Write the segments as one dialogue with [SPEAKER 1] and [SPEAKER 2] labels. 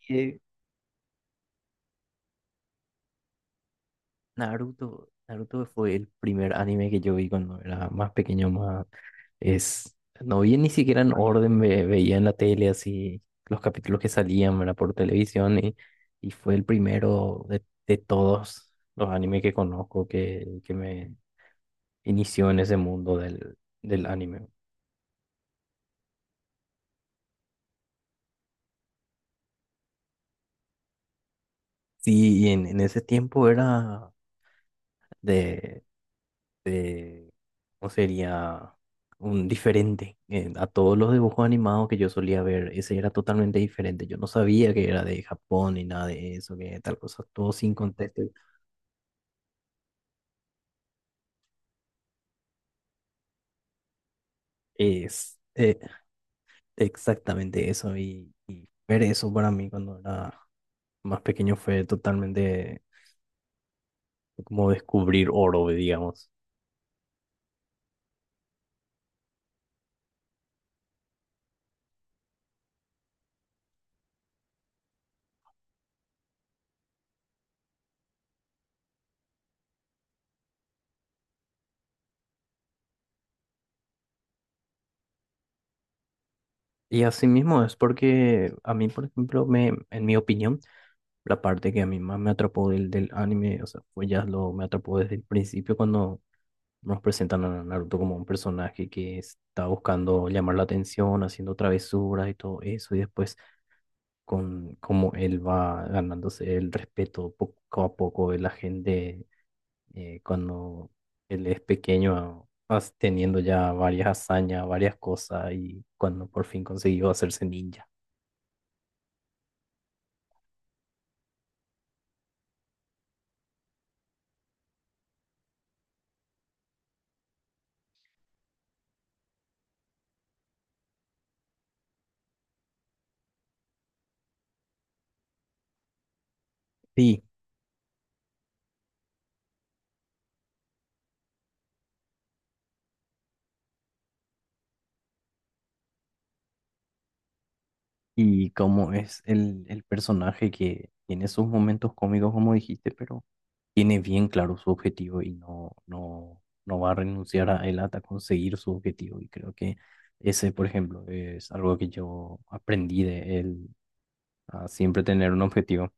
[SPEAKER 1] Que Naruto fue el primer anime que yo vi cuando era más pequeño, más es no vi ni siquiera en orden, veía en la tele así los capítulos que salían, ¿verdad? Por televisión y fue el primero de todos los animes que conozco que me inició en ese mundo del anime. Sí, y en ese tiempo era de eh, ¿cómo sería? Un diferente. A todos los dibujos animados que yo solía ver, ese era totalmente diferente. Yo no sabía que era de Japón ni nada de eso, que tal cosa, todo sin contexto. Es exactamente eso. Y ver eso para mí cuando era más pequeño fue totalmente como descubrir oro, digamos. Y así mismo es porque a mí, por ejemplo, me, en mi opinión, la parte que a mí más me atrapó del anime, o sea, fue ya lo me atrapó desde el principio cuando nos presentan a Naruto como un personaje que está buscando llamar la atención, haciendo travesuras y todo eso, y después con cómo él va ganándose el respeto poco a poco de la gente cuando él es pequeño, teniendo ya varias hazañas, varias cosas, y cuando por fin consiguió hacerse ninja. Sí. Y cómo es el personaje que tiene sus momentos cómicos, como dijiste, pero tiene bien claro su objetivo y no, no, no va a renunciar a él hasta conseguir su objetivo. Y creo que ese, por ejemplo, es algo que yo aprendí de él, a siempre tener un objetivo.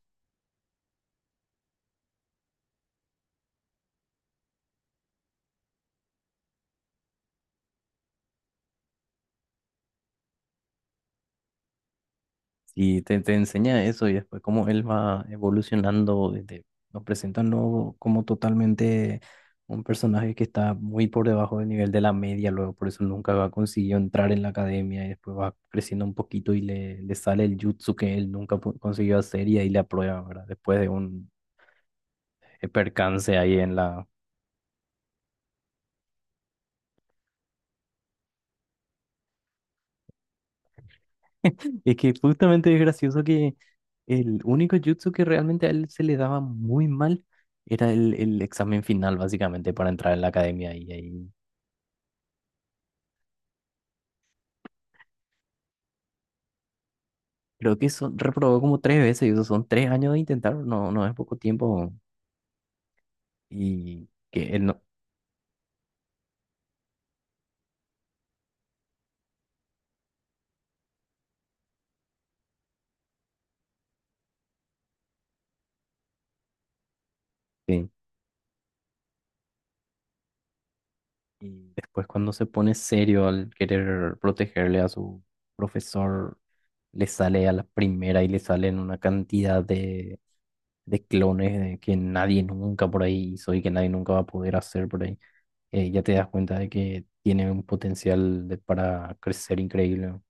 [SPEAKER 1] Y te enseña eso y después cómo él va evolucionando, desde, nos presentan luego como totalmente un personaje que está muy por debajo del nivel de la media, luego por eso nunca va consiguió entrar en la academia y después va creciendo un poquito y le sale el jutsu que él nunca pu- consiguió hacer y ahí le aprueba, ¿verdad? Después de un percance ahí en la. Es que justamente es gracioso que el único jutsu que realmente a él se le daba muy mal era el examen final, básicamente, para entrar en la academia. Y ahí creo que eso reprobó como tres veces, y eso son tres años de intentar, no, no es poco tiempo. Y que él no. Sí. Y después, cuando se pone serio al querer protegerle a su profesor, le sale a la primera y le salen una cantidad de clones de que nadie nunca por ahí hizo y que nadie nunca va a poder hacer por ahí. Ya te das cuenta de que tiene un potencial para crecer increíble, ¿no?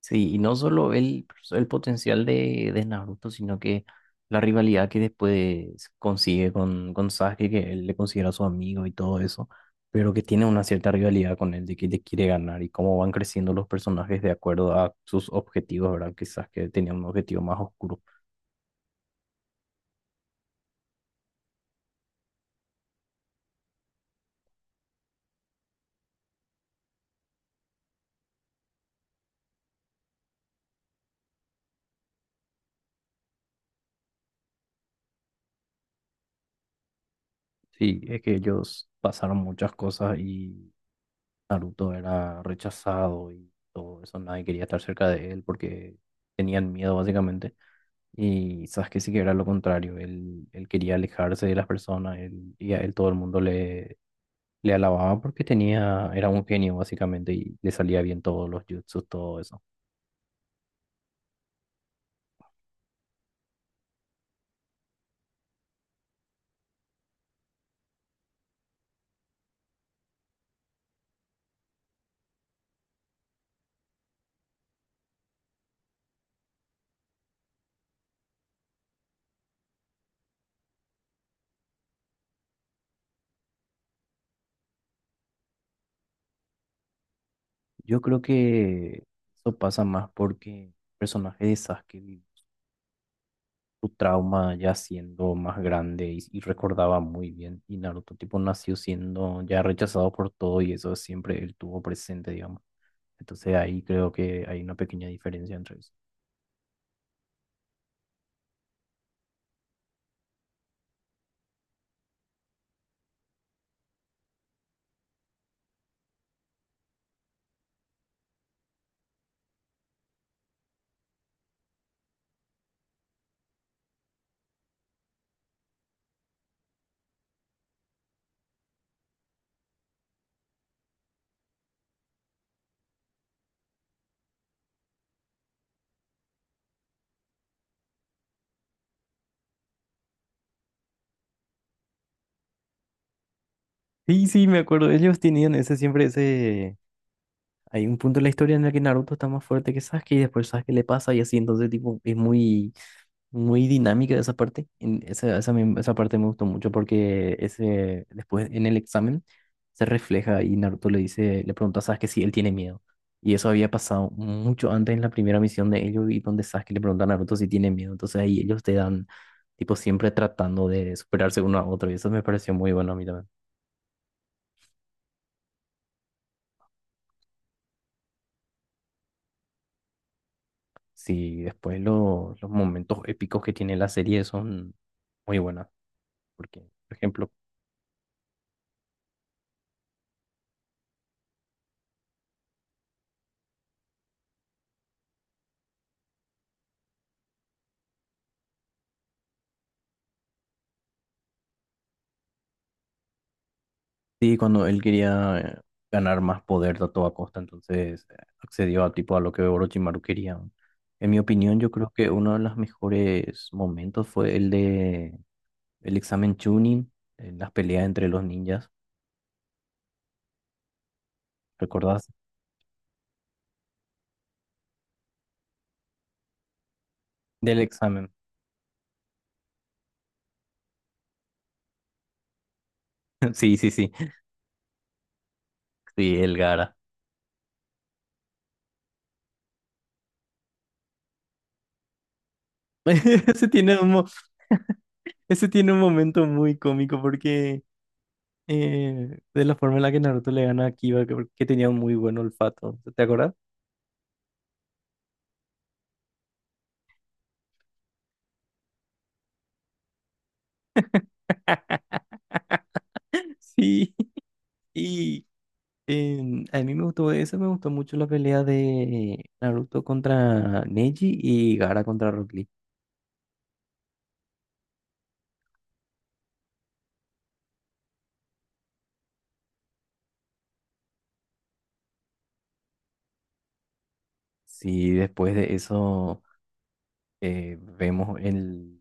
[SPEAKER 1] Sí, y no solo el potencial de Naruto, sino que la rivalidad que después consigue con Sasuke, que él le considera su amigo y todo eso, pero que tiene una cierta rivalidad con él de que le quiere ganar y cómo van creciendo los personajes de acuerdo a sus objetivos, ¿verdad? Que Sasuke tenía un objetivo más oscuro. Sí, es que ellos pasaron muchas cosas y Naruto era rechazado y todo eso, nadie quería estar cerca de él porque tenían miedo básicamente. Y Sasuke sí que era lo contrario, él quería alejarse de las personas y a él todo el mundo le, le alababa porque tenía, era un genio básicamente y le salía bien todos los jutsus, todo eso. Yo creo que eso pasa más porque el personaje de Sasuke su trauma ya siendo más grande y recordaba muy bien. Y Naruto, tipo, nació siendo ya rechazado por todo y eso siempre él tuvo presente, digamos. Entonces ahí creo que hay una pequeña diferencia entre eso. Sí, sí, me acuerdo. Ellos tenían ese siempre ese. Hay un punto en la historia en el que Naruto está más fuerte que Sasuke y después Sasuke le pasa y así, entonces tipo es muy, muy dinámica esa parte. En esa, esa, esa parte me gustó mucho porque ese, después en el examen se refleja y Naruto le dice, le pregunta a Sasuke si él tiene miedo. Y eso había pasado mucho antes en la primera misión de ellos y donde Sasuke le pregunta a Naruto si tiene miedo. Entonces ahí ellos te dan, tipo siempre tratando de superarse uno a otro y eso me pareció muy bueno a mí también. Sí, después los momentos épicos que tiene la serie son muy buena, porque, por ejemplo, sí, cuando él quería ganar más poder a toda costa, entonces accedió a tipo a lo que Orochimaru quería, ¿no? En mi opinión, yo creo que uno de los mejores momentos fue el de el examen Chunin, en las peleas entre los ninjas, ¿recordás? Del examen. Sí, sí, sí. Sí, el Gara. Ese tiene un, ese tiene un momento muy cómico porque de la forma en la que Naruto le gana a Kiba, que tenía un muy buen olfato. ¿Te acuerdas? Sí, y a mí me gustó eso, me gustó mucho la pelea de Naruto contra Neji y Gaara contra Rock Lee. Sí, después de eso vemos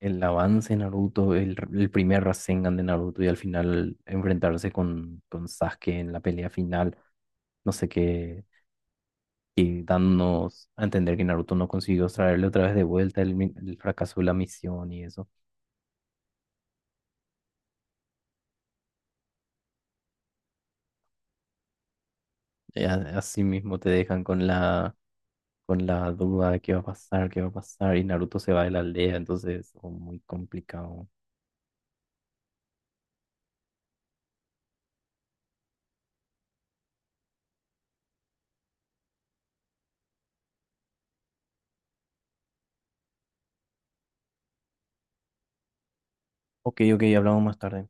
[SPEAKER 1] el avance de Naruto, el primer Rasengan de Naruto y al final enfrentarse con Sasuke en la pelea final, no sé qué, y dándonos a entender que Naruto no consiguió traerle otra vez de vuelta el, el fracaso de la misión y eso. Así mismo te dejan con la duda de qué va a pasar, qué va a pasar, y Naruto se va de la aldea, entonces es muy complicado. Ok, ok, hablamos más tarde.